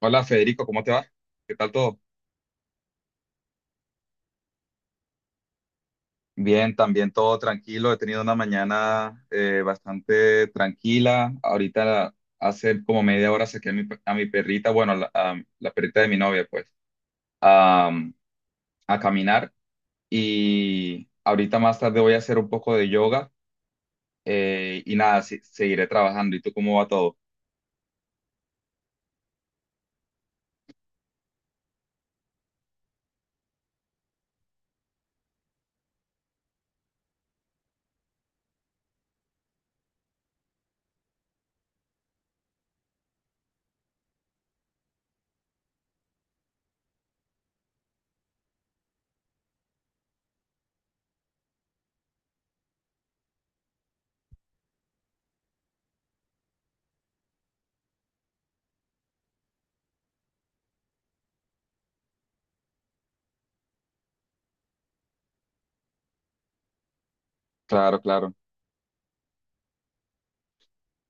Hola Federico, ¿cómo te va? ¿Qué tal todo? Bien, también todo tranquilo. He tenido una mañana bastante tranquila. Ahorita hace como media hora saqué a mi perrita, bueno, a la perrita de mi novia, pues, a, a caminar. Y ahorita más tarde voy a hacer un poco de yoga, y nada, seguiré trabajando. ¿Y tú cómo va todo? Claro, claro.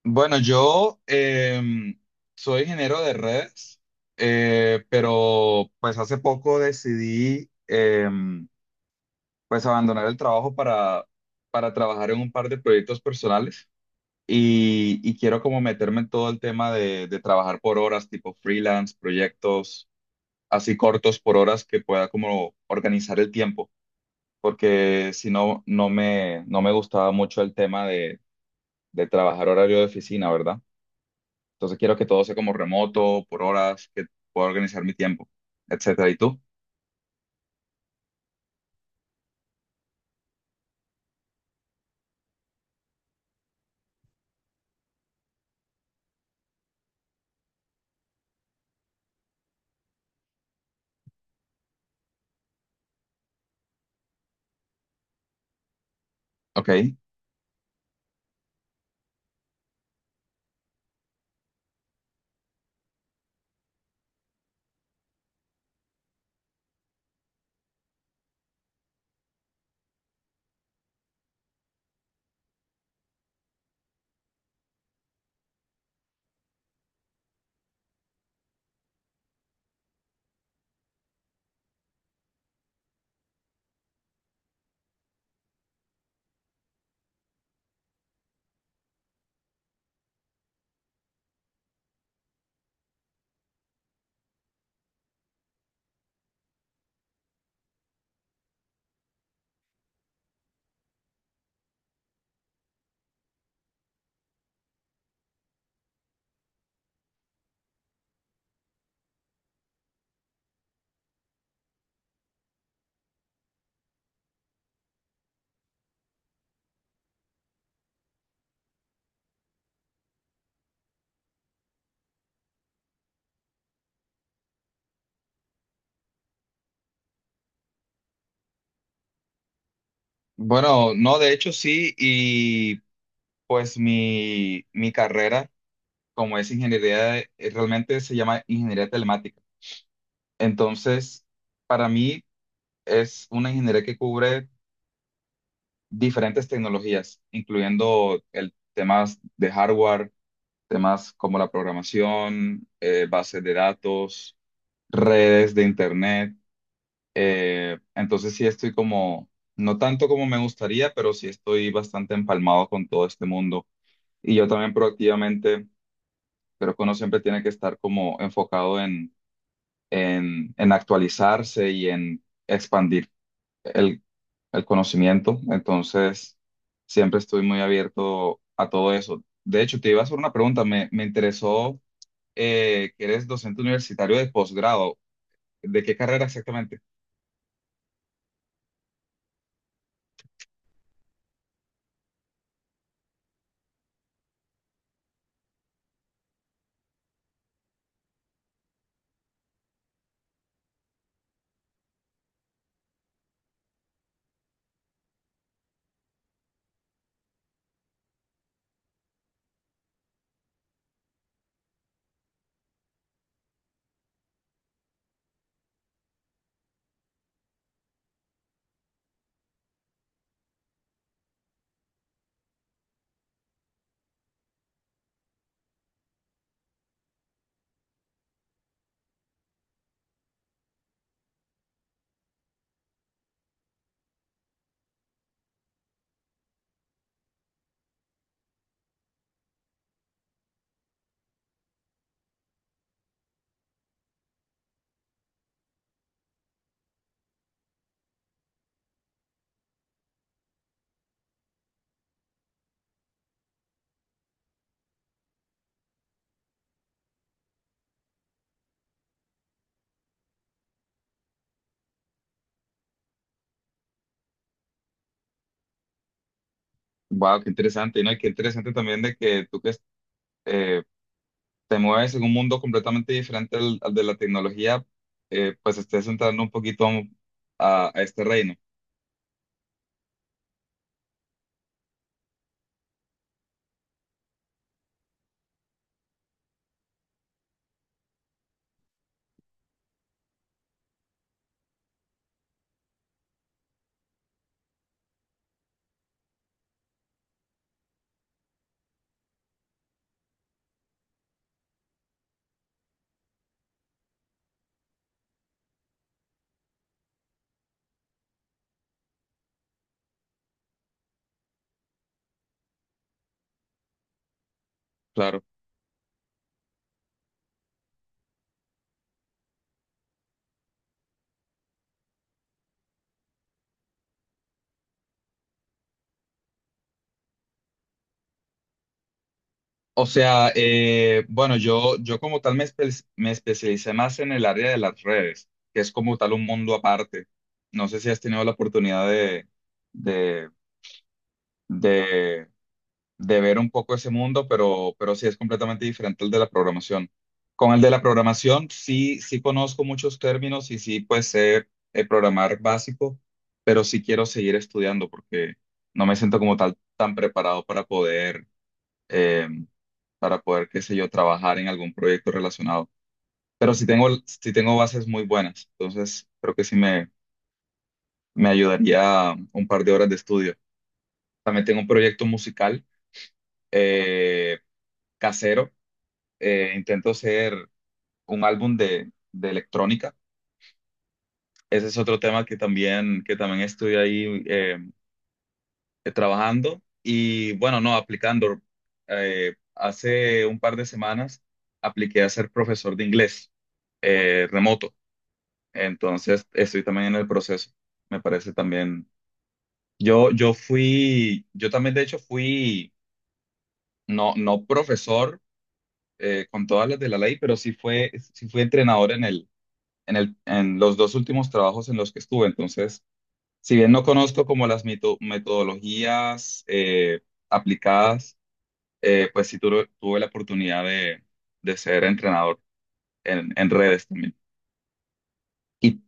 Bueno, yo soy ingeniero de redes, pero pues hace poco decidí pues abandonar el trabajo para trabajar en un par de proyectos personales y quiero como meterme en todo el tema de trabajar por horas, tipo freelance, proyectos así cortos por horas que pueda como organizar el tiempo, porque si no, no me gustaba mucho el tema de trabajar horario de oficina, ¿verdad? Entonces quiero que todo sea como remoto, por horas, que pueda organizar mi tiempo, etcétera. ¿Y tú? Ok. Bueno, no, de hecho sí, y pues mi carrera, como es ingeniería, realmente se llama ingeniería telemática. Entonces, para mí es una ingeniería que cubre diferentes tecnologías, incluyendo el temas de hardware, temas como la programación, bases de datos, redes de internet. Entonces sí estoy como, no tanto como me gustaría, pero sí estoy bastante empalmado con todo este mundo. Y yo también proactivamente creo que uno siempre tiene que estar como enfocado en actualizarse y en expandir el, el conocimiento. Entonces siempre estoy muy abierto a todo eso. De hecho, te iba a hacer una pregunta. Me interesó que eres docente universitario de posgrado. ¿De qué carrera exactamente? Wow, qué interesante, ¿no? Y qué interesante también de que tú que eh, te mueves en un mundo completamente diferente al de la tecnología, pues estés entrando un poquito a este reino, claro. O sea, bueno, yo como tal me especialicé más en el área de las redes, que es como tal un mundo aparte. No sé si has tenido la oportunidad de, de de ver un poco ese mundo, pero sí es completamente diferente al de la programación. Con el de la programación sí, sí conozco muchos términos y sí pues sé programar básico, pero sí quiero seguir estudiando porque no me siento como tal tan preparado eh, para poder, qué sé yo, trabajar en algún proyecto relacionado. Pero sí tengo bases muy buenas, entonces creo que sí me ayudaría un par de horas de estudio. También tengo un proyecto musical eh, casero, intento hacer un álbum de electrónica. Ese es otro tema que también estoy ahí trabajando y bueno, no, aplicando. Hace un par de semanas apliqué a ser profesor de inglés remoto, entonces estoy también en el proceso. Me parece también, yo también de hecho fui, no profesor con todas las de la ley, pero sí fui entrenador en el en los dos últimos trabajos en los que estuve. Entonces, si bien no conozco como las metodologías aplicadas, pues sí tuve la oportunidad de ser entrenador en redes también. Y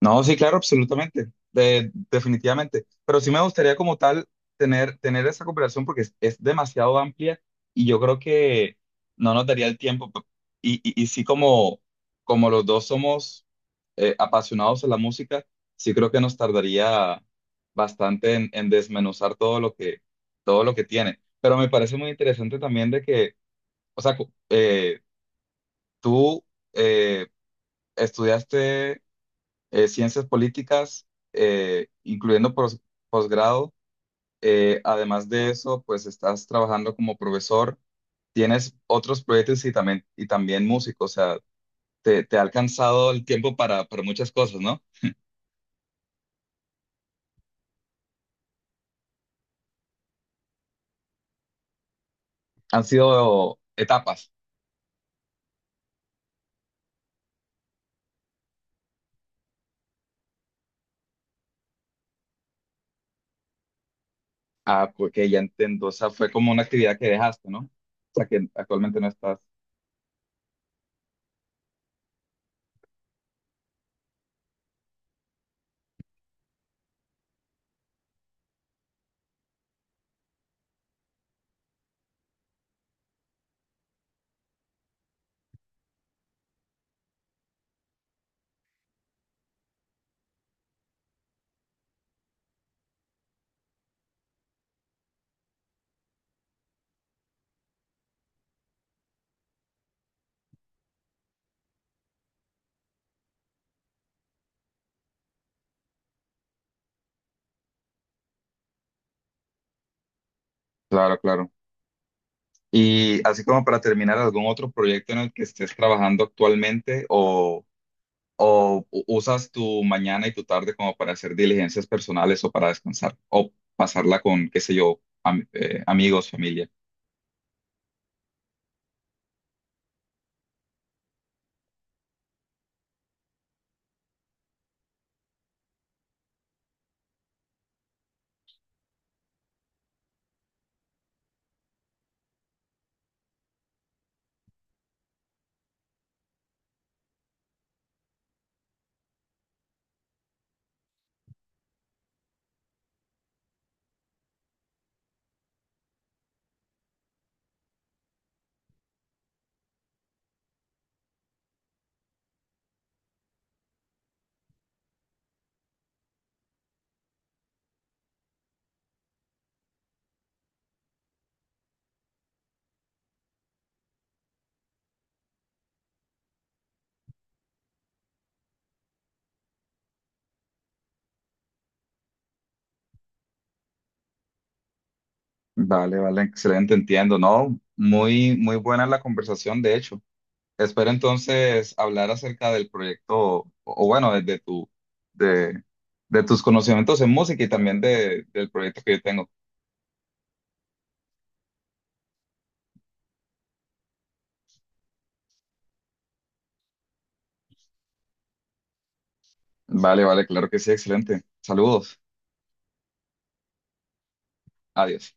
no, sí, claro, absolutamente, definitivamente. Pero sí me gustaría como tal tener esa cooperación porque es demasiado amplia y yo creo que no nos daría el tiempo. Y, y sí como, como los dos somos apasionados a la música, sí creo que nos tardaría bastante en desmenuzar todo lo que tiene. Pero me parece muy interesante también de que, o sea, tú eh, estudiaste ciencias políticas, incluyendo posgrado. Además de eso, pues estás trabajando como profesor, tienes otros proyectos y también músico, o sea, te ha alcanzado el tiempo para muchas cosas, ¿no? Han sido etapas. Ah, porque ya entiendo, o sea, fue como una actividad que dejaste, ¿no? O sea, que actualmente no estás. Claro, claro. Y así como para terminar, ¿algún otro proyecto en el que estés trabajando actualmente o ¿O usas tu mañana y tu tarde como para hacer diligencias personales o para descansar? ¿O pasarla con, qué sé yo, amigos, familia? Vale, vale, excelente, entiendo, ¿no? Muy, muy buena la conversación, de hecho. Espero entonces hablar acerca del proyecto, o bueno, de tu, de, de tus conocimientos en música y también de, del proyecto que yo tengo. Vale, vale, claro que sí, excelente. Saludos, adiós.